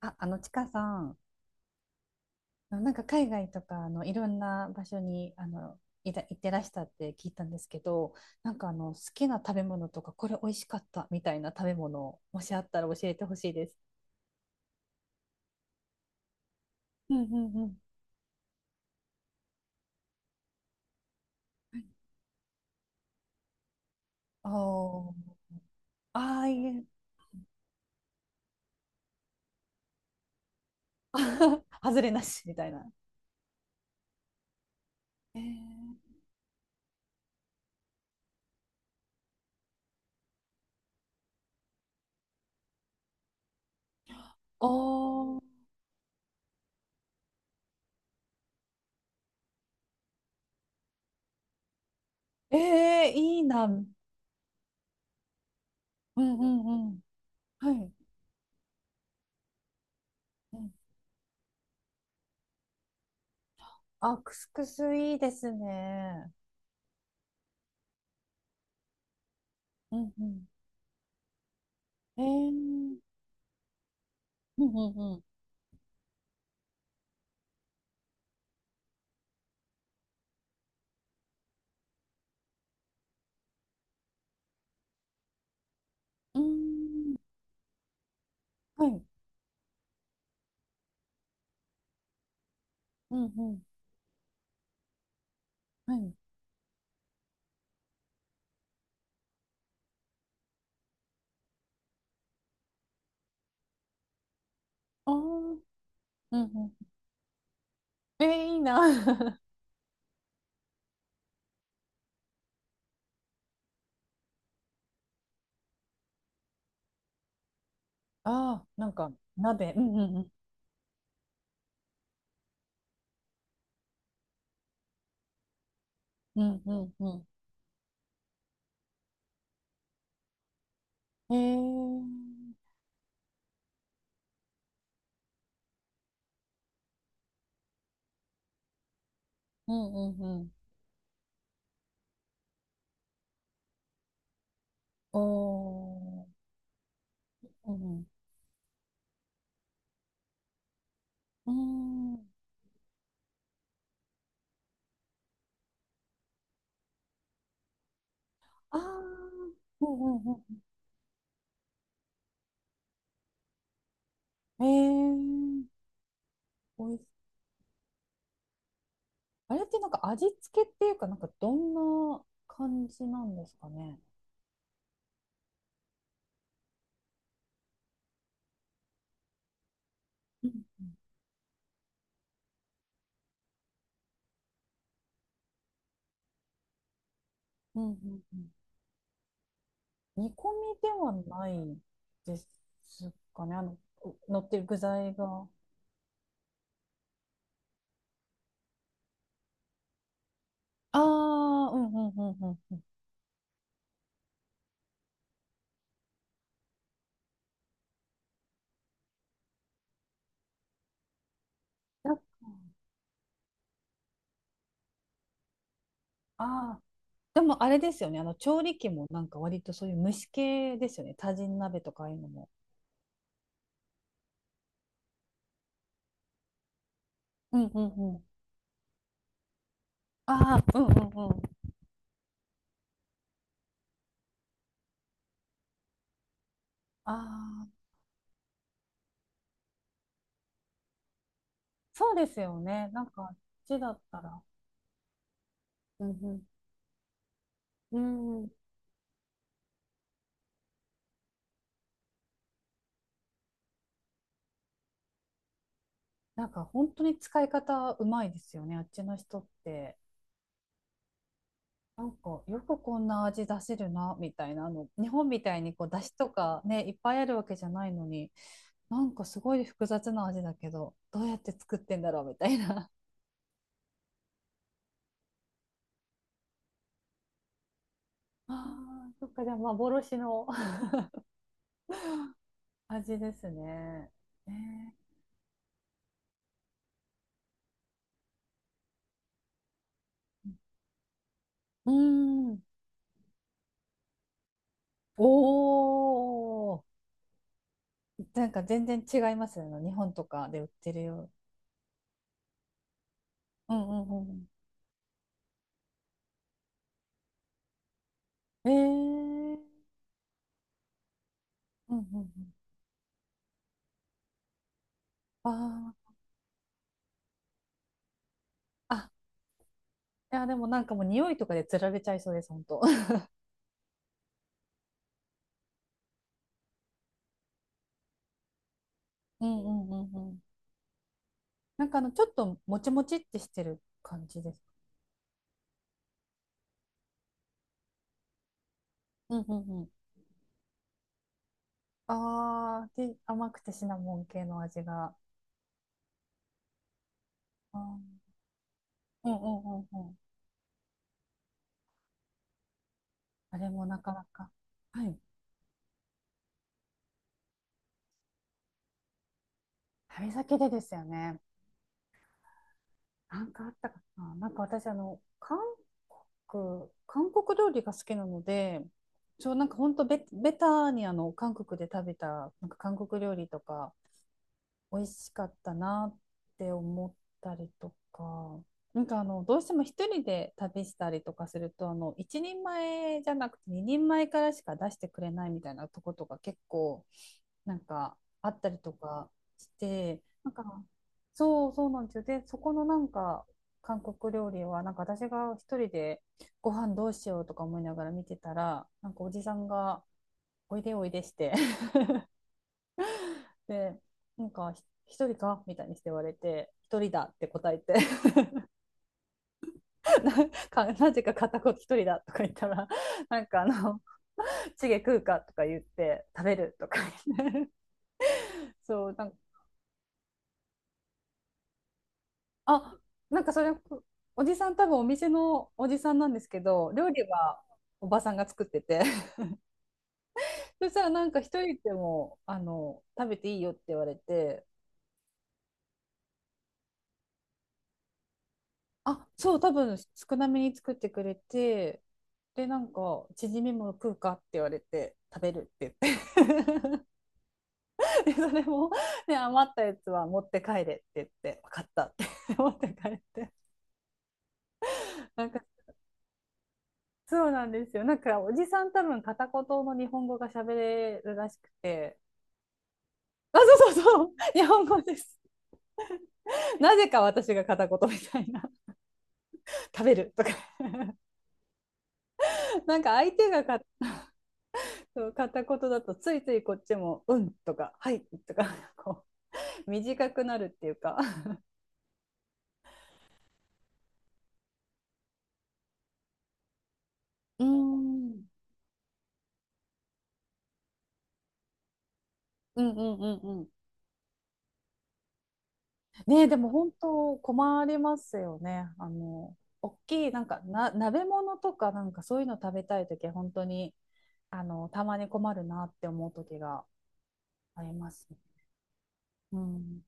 あ、ちかさん、なんか海外とか、いろんな場所に、行ってらしたって聞いたんですけど、なんか好きな食べ物とか、これ美味しかったみたいな食べ物、もしあったら教えてほしいです。うんうんうん。おー、ああ、いえ。外れなし、みたいな。えー、おー、えー、いいな。うんうんうん。はい。うんあ、クスクスいいですね。うんうん。えー、うんうんうん。うーんはい。うんうん。はい。ああ、うんうん。えー、いいな。ああ、なんか、鍋。うんうんうん。うんうんうん。えー。うんうんうん。おー。うんうん。うーん。ああ、うんうんうん。えー。おいしあれってなんか味付けっていうか、なんかどんな感じなんですかね。うんうんうんうんうん。煮込みではないですかね。乗ってる具材が。ああ、うんうんうんうんうん。なんか、ああ、でもあれですよね。調理器もなんか割とそういう蒸し系ですよね。多人鍋とかああいうのも。うんうんうん。ああ、うんうんうん。ああ、そうですよね。なんか、あっちだったら。うんうん。うん。なんか本当に使い方うまいですよね。あっちの人って。なんか、よくこんな味出せるな、みたいな。日本みたいにこう、出汁とかね、いっぱいあるわけじゃないのに。なんかすごい複雑な味だけど、どうやって作ってんだろうみたいな。ああ、そっか、じゃあ幻の 味ですね。えー、うーん。おー。なんか全然違いますよね。日本とかで売ってるよ。うんうんうん。えー。うんうんうん。ああ。あ、いや、でもなんかもう匂いとかでつられちゃいそうです、本当。うんうんうんうん。なんかちょっともちもちってしてる感じです。うんうんああ、で、甘くてシナモン系の味が。あーうんうんうんうん。あれもなかなか。はい。旅先でですよね。なんかあったかな。なんか私、韓国料理が好きなので、そう、なんか本当ベタに韓国で食べた、なんか韓国料理とか、美味しかったなって思ったりとか、なんかどうしても一人で旅したりとかすると、一人前じゃなくて二人前からしか出してくれないみたいなとことか結構なんかあったりとかして、なんかそうそうなんですよ。で、そこのなんか韓国料理はなんか私が一人でご飯どうしようとか思いながら見てたら、なんかおじさんがおいでおいでしてで、なんか、一人かみたいにして言われて、一人だって答えて なぜか片言一人だとか言ったら、なんかチゲ食うかとか言って、食べるとか言って そう、なんか、あ、なんかそれ、おじさん多分お店のおじさんなんですけど、料理はおばさんが作ってて、そしたらなんか一人でも、食べていいよって言われて、あ、そう、多分少なめに作ってくれて、で、なんか、チヂミも食うかって言われて、食べるって言って で、それも、ね、余ったやつは持って帰れって言って、分かったって 持って帰って。なんか、そうなんですよ。なんか、おじさん多分片言の日本語が喋れるらしくて、あ、そうそうそう、日本語です。なぜか私が片言みたいな、食べるとか なんか相手がかそう片言だとついついこっちも「うん」とか「はい」とか こう短くなるっていうか うーんうんうんうんうん。ねえでも本当困りますよね。大きいなんかな鍋物とかなんかそういうの食べたいときは本当にたまに困るなって思うときがありますね。うん、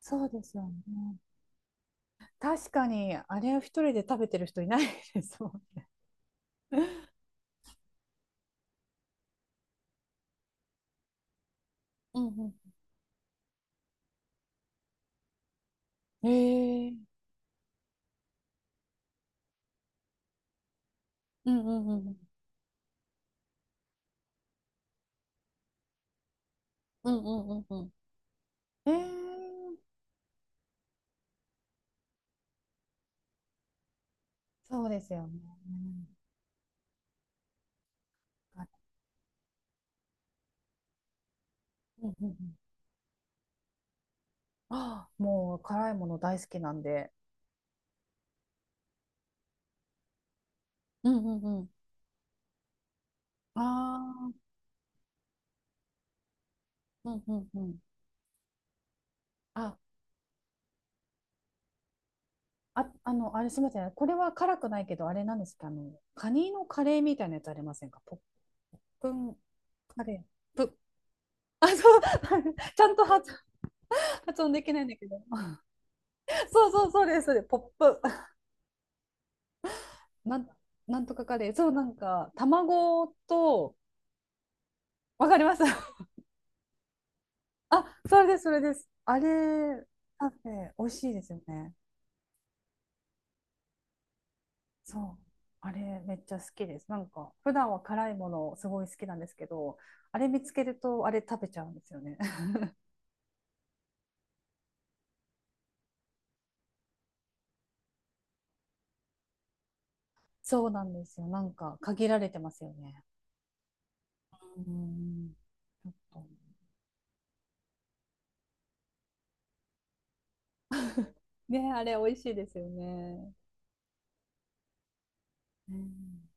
そうですよね。確かにあれを一人で食べてる人いないですもんね。うんうん。へえ。うんうんうんうんうんうんうんうんえー、そうですよね。うんうんうんうんあーもう辛いもの大好きなんで。うんうんうん。ああ、うんうんうん。あ、あ、あれすみません。これは辛くないけど、あれなんですか、カニのカレーみたいなやつありませんかポップンカレー。あ、そう、ちゃんと発音できないんだけど。そうそうそうです、そうです。ポップ。なん、なんとかカレー。そう、なんか、卵と、わかります あ、それです、それです。あれ、カフェ、美味しいですよね。そう。あれ、めっちゃ好きです。なんか、普段は辛いものすごい好きなんですけど、あれ見つけると、あれ食べちゃうんですよね。そうなんですよ。なんか、限られてますよね。うん。ちょっと。ね、あれ、美味しいですよね。うん